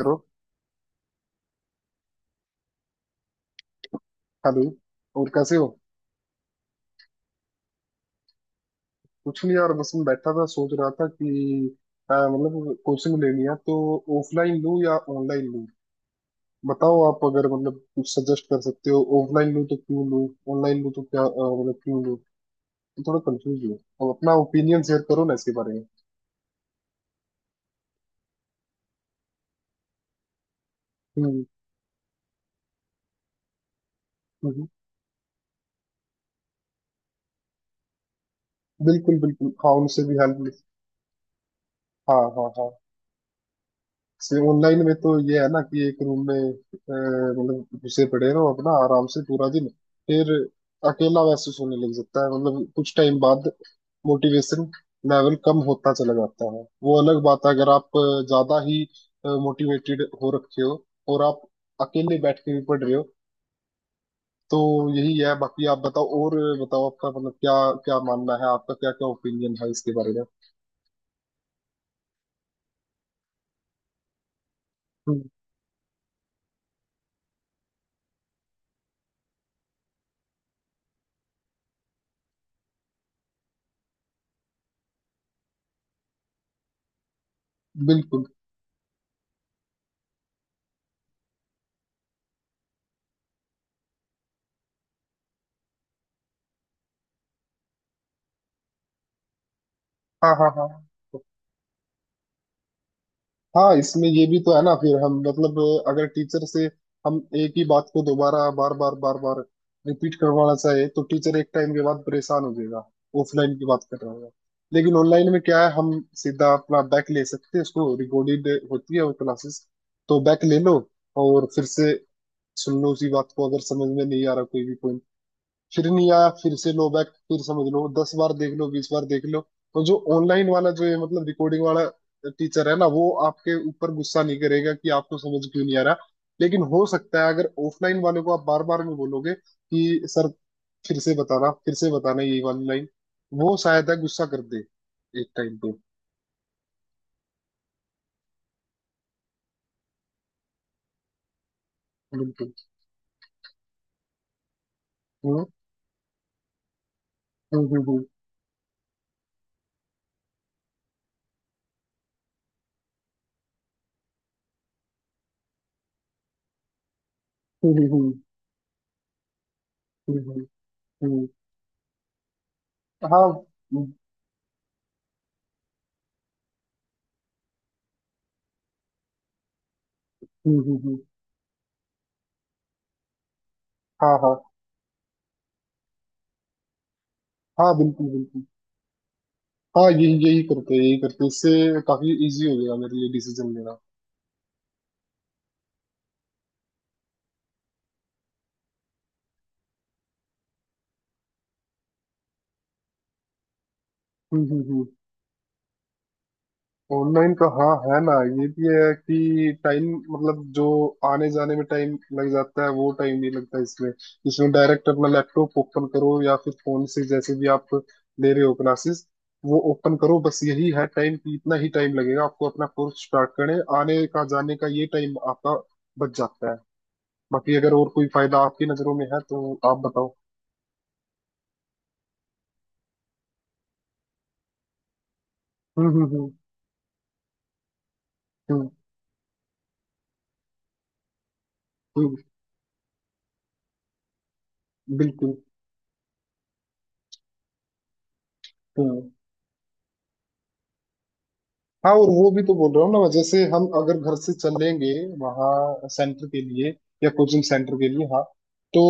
करो। हेलो। और कैसे हो? कुछ नहीं यार, बस मैं बैठा था, सोच रहा था कि मतलब कोचिंग लेनी है तो ऑफलाइन लूँ या ऑनलाइन लूँ। बताओ, आप अगर मतलब कुछ सजेस्ट कर सकते हो। ऑफलाइन लूँ तो क्यों लूँ, ऑनलाइन लूँ तो क्या मतलब क्यों लूँ। तो थोड़ा कंफ्यूज हूँ। अब अपना ओपिनियन शेयर करो ना इसके बारे में। हम्म। हम्म। बिल्कुल बिल्कुल, हाँ, उनसे भी हेल्प। हाँ हाँ हाँ से। ऑनलाइन में तो ये है ना कि एक रूम में मतलब घुसे पड़े रहो अपना आराम से पूरा दिन, फिर अकेला महसूस होने लग जाता है, मतलब कुछ टाइम बाद मोटिवेशन लेवल कम होता चला जाता है। वो अलग बात है अगर आप ज्यादा ही मोटिवेटेड हो रखे हो और आप अकेले बैठ के भी पढ़ रहे हो, तो यही है। बाकी आप बताओ, और बताओ आपका मतलब क्या क्या मानना है, आपका क्या क्या ओपिनियन है इसके बारे में। हम्म, बिल्कुल। हाँ हाँ हाँ। हाँ, इसमें ये भी तो है ना, फिर हम मतलब अगर टीचर से हम एक ही बात को दोबारा बार बार बार बार रिपीट करवाना चाहे तो टीचर एक टाइम के बाद परेशान हो जाएगा। ऑफलाइन की बात कर रहा हूँ। लेकिन ऑनलाइन में क्या है, हम सीधा अपना बैक ले सकते हैं उसको, रिकॉर्डेड होती है वो क्लासेस। तो बैक ले लो और फिर से सुन लो उसी बात को, अगर समझ में नहीं आ रहा कोई भी पॉइंट। फिर नहीं आया, फिर से लो बैक, फिर समझ लो, दस बार देख लो, बीस बार देख लो। तो जो ऑनलाइन वाला, जो ये मतलब रिकॉर्डिंग वाला टीचर है ना, वो आपके ऊपर गुस्सा नहीं करेगा कि आपको समझ क्यों नहीं आ रहा। लेकिन हो सकता है अगर ऑफलाइन वाले को आप बार बार में बोलोगे कि सर फिर से बताना, फिर से बताना, यही वाली लाइन, वो शायद है गुस्सा कर दे एक टाइम पे। बिल्कुल। हम्म, हम्म, हम्म, हम्म, हम्म, हम्म, हम्म, हम्म, हाँ, हम्म, हम्म, हाँ हाँ। हाँ बिल्कुल बिल्कुल। हाँ, यही यही करते हैं, यही करते हैं। इससे काफी इजी हो गया मेरे लिए डिसीजन लेना। हम्म। ऑनलाइन का हाँ, है ना, ये भी है कि टाइम, मतलब जो आने जाने में टाइम लग जाता है, वो टाइम नहीं लगता इसमें। इसमें डायरेक्ट अपना लैपटॉप ओपन करो, या फिर फोन से जैसे भी आप ले रहे हो क्लासेस, वो ओपन करो। बस यही है टाइम, कि इतना ही टाइम लगेगा आपको अपना कोर्स स्टार्ट करने, आने का जाने का ये टाइम आपका बच जाता है। बाकी अगर और कोई फायदा आपकी नजरों में है तो आप बताओ। हम्म, हम्म, हम्म। बिल्कुल। हम्म। हाँ, और वो भी तो बोल रहा हूँ ना, जैसे हम अगर घर से चलेंगे वहाँ सेंटर के लिए या कोचिंग सेंटर के लिए, हाँ, तो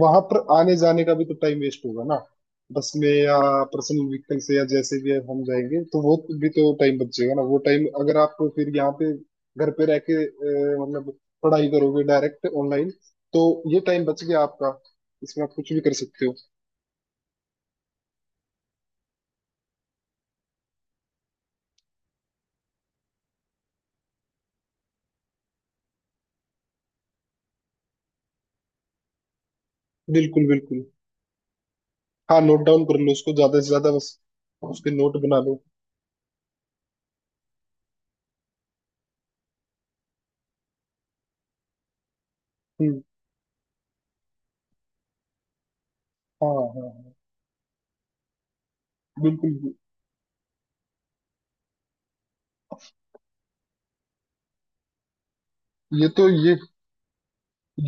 वहां पर आने जाने का भी तो टाइम वेस्ट होगा ना, बस में या पर्सनल व्हीकल से या जैसे भी हम जाएंगे। तो वो भी तो टाइम बचेगा ना। वो टाइम अगर आप फिर यहाँ पे घर पे रह के मतलब पढ़ाई करोगे डायरेक्ट ऑनलाइन, तो ये टाइम बच गया आपका। इसमें आप कुछ भी कर सकते हो। बिल्कुल बिल्कुल। हाँ, नोट डाउन कर लो उसको ज्यादा से ज्यादा बस, उसके नोट बना लो। हम्म। हाँ हाँ। हाँ बिल्कुल बिल्कुल। ये तो ये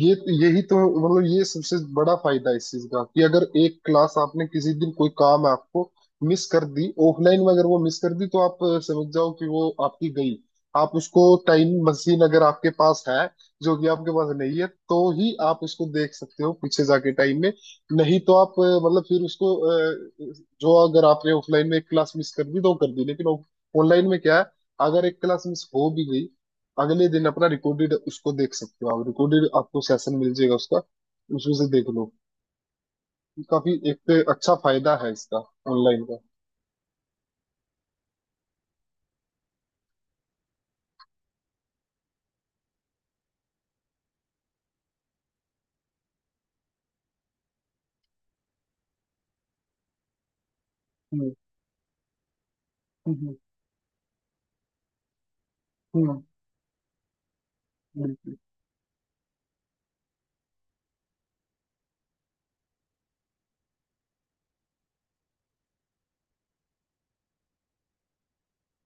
ये यही तो, मतलब ये सबसे बड़ा फायदा है इस चीज का, कि अगर एक क्लास आपने किसी दिन, कोई काम है आपको, मिस कर दी ऑफलाइन में, अगर वो मिस कर दी तो आप समझ जाओ कि वो आपकी गई। आप उसको टाइम मशीन अगर आपके पास है, जो कि आपके पास नहीं है, तो ही आप उसको देख सकते हो पीछे जाके टाइम में। नहीं तो आप अ, मतलब फिर उसको अ, जो अगर आपने ऑफलाइन में एक क्लास मिस कर दी तो वो कर दी। लेकिन ऑनलाइन में क्या है, अगर एक क्लास मिस हो भी गई, अगले दिन अपना रिकॉर्डेड उसको देख सकते हो। आप रिकॉर्डेड आपको सेशन मिल जाएगा उसका, उसमें से देख लो। काफी एक तो अच्छा फायदा है इसका, ऑनलाइन का। हम्म हम्म हम्म, बिल्कुल।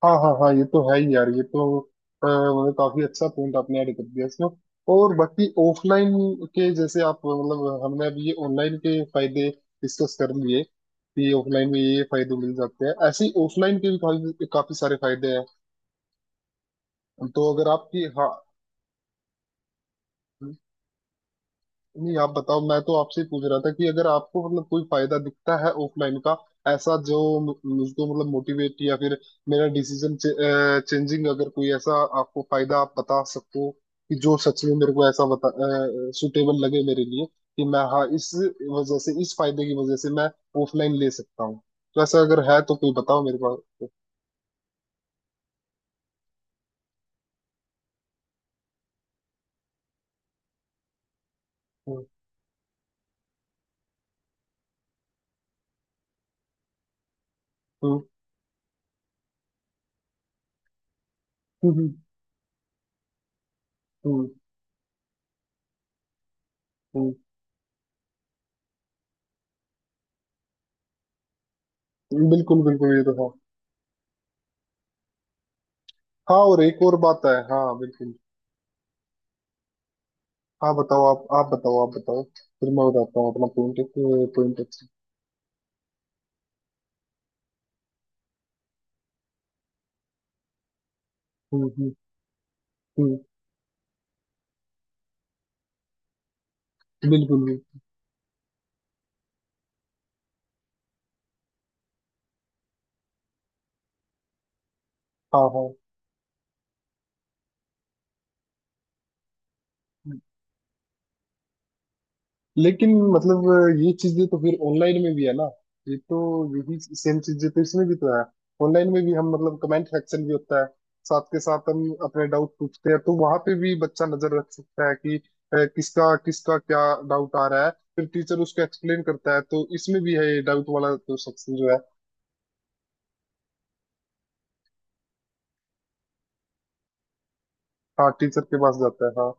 हाँ हाँ हाँ, ये तो है ही यार। ये तो मतलब काफी अच्छा पॉइंट आपने ऐड कर दिया इसमें। और बाकी ऑफलाइन के, जैसे आप मतलब हमने अभी ये ऑनलाइन के फायदे डिस्कस कर लिए कि ऑफलाइन में ये फायदे मिल जाते हैं, ऐसे ही ऑफलाइन के भी काफी काफी सारे फायदे हैं। तो अगर आपकी, हाँ। नहीं, आप बताओ, मैं तो आपसे ही पूछ रहा था कि अगर आपको मतलब कोई फायदा दिखता है ऑफलाइन का, ऐसा जो मुझको मतलब मोटिवेट या फिर मेरा डिसीजन चेंजिंग, अगर कोई ऐसा आपको फायदा आप बता सको कि जो सच में मेरे को ऐसा बता, सुटेबल लगे मेरे लिए, कि मैं, हाँ, इस वजह से, इस फायदे की वजह से मैं ऑफलाइन ले सकता हूँ, तो ऐसा अगर है तो कोई बताओ मेरे पास। हम्म हम्म हम्म हम्म हम्म, बिल्कुल बिल्कुल, ये तो है। हाँ, और एक और बात है, हाँ बिल्कुल। हाँ बताओ आप बताओ, आप बताओ फिर मैं बताता हूँ अपना पॉइंट ऑफ, पॉइंट ऑफ। हम्म हम्म हम्म, बिल्कुल भी। हाँ हाँ। लेकिन मतलब ये चीजें तो फिर ऑनलाइन में भी है ना। ये तो यही सेम चीजें तो इसमें भी तो है। ऑनलाइन में भी हम मतलब कमेंट सेक्शन भी होता है, साथ के साथ हम अपने डाउट पूछते हैं, तो वहां पे भी बच्चा नजर रख सकता है कि किसका किसका क्या डाउट आ रहा है, फिर टीचर उसको एक्सप्लेन करता है। तो इसमें भी है ये डाउट वाला तो सेक्शन जो है। हाँ, टीचर के पास जाता है, हाँ।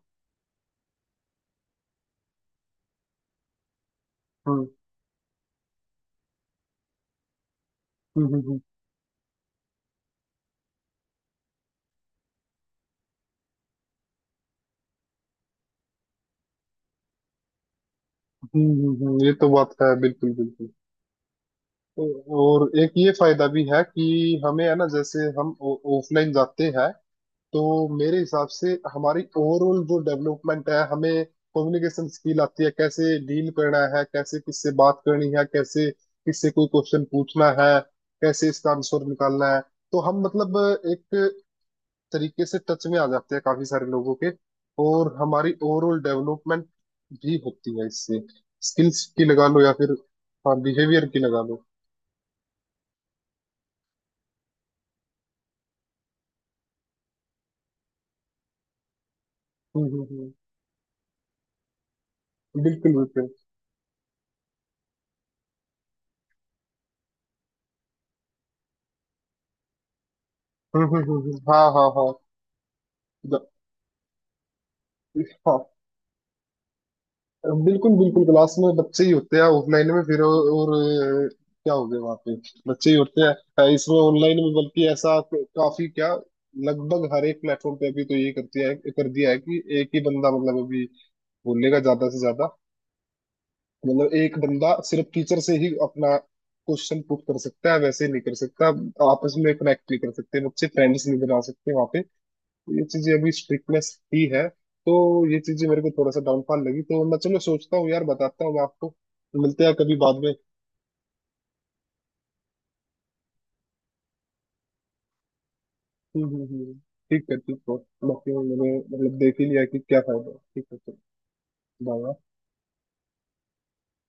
हम्म हम्म हम्म हम्म। ये तो बात है, बिल्कुल बिल्कुल। और एक ये फायदा भी है कि हमें है ना, जैसे हम ऑफलाइन जाते हैं तो मेरे हिसाब से हमारी ओवरऑल जो डेवलपमेंट है, हमें कम्युनिकेशन स्किल आती है, कैसे डील करना है, कैसे किससे बात करनी है, कैसे किससे कोई क्वेश्चन पूछना है, कैसे इसका आंसर निकालना है। तो हम मतलब एक तरीके से टच में आ जाते हैं काफी सारे लोगों के, और हमारी ओवरऑल डेवलपमेंट भी होती है इससे, स्किल्स की लगा लो या फिर, हाँ, बिहेवियर की लगा लो। हम्म हम्म बिल्कुल बिल्कुल। हाँ हाँ हाँ। द- हाँ बिल्कुल बिल्कुल। क्लास में बच्चे ही होते हैं ऑफलाइन में, फिर और अ, क्या हो गया वहाँ पे, बच्चे ही होते हैं। इसमें ऑनलाइन में बल्कि ऐसा तो काफी क्या, लगभग हर एक प्लेटफॉर्म पे अभी तो ये करती है, कर दिया है कि एक ही बंदा मतलब अभी बोलेगा ज्यादा से ज्यादा, मतलब एक बंदा सिर्फ टीचर से ही अपना क्वेश्चन पुट कर सकता है, वैसे नहीं कर सकता। आपस में कनेक्ट नहीं कर सकते बच्चे, फ्रेंड्स नहीं बना सकते वहाँ पे। तो ये चीजें अभी स्ट्रिक्टनेस ही है। तो ये चीजें मेरे को थोड़ा सा डाउनफॉल लगी। तो मैं चलो सोचता हूँ यार, बताता हूँ आपको, मिलते हैं कभी बाद में। हम्म हम्म हम्म। ठीक है ठीक है। बाकी मैंने मतलब देख ही लिया कि क्या फायदा है। ठीक है चलो। बाय।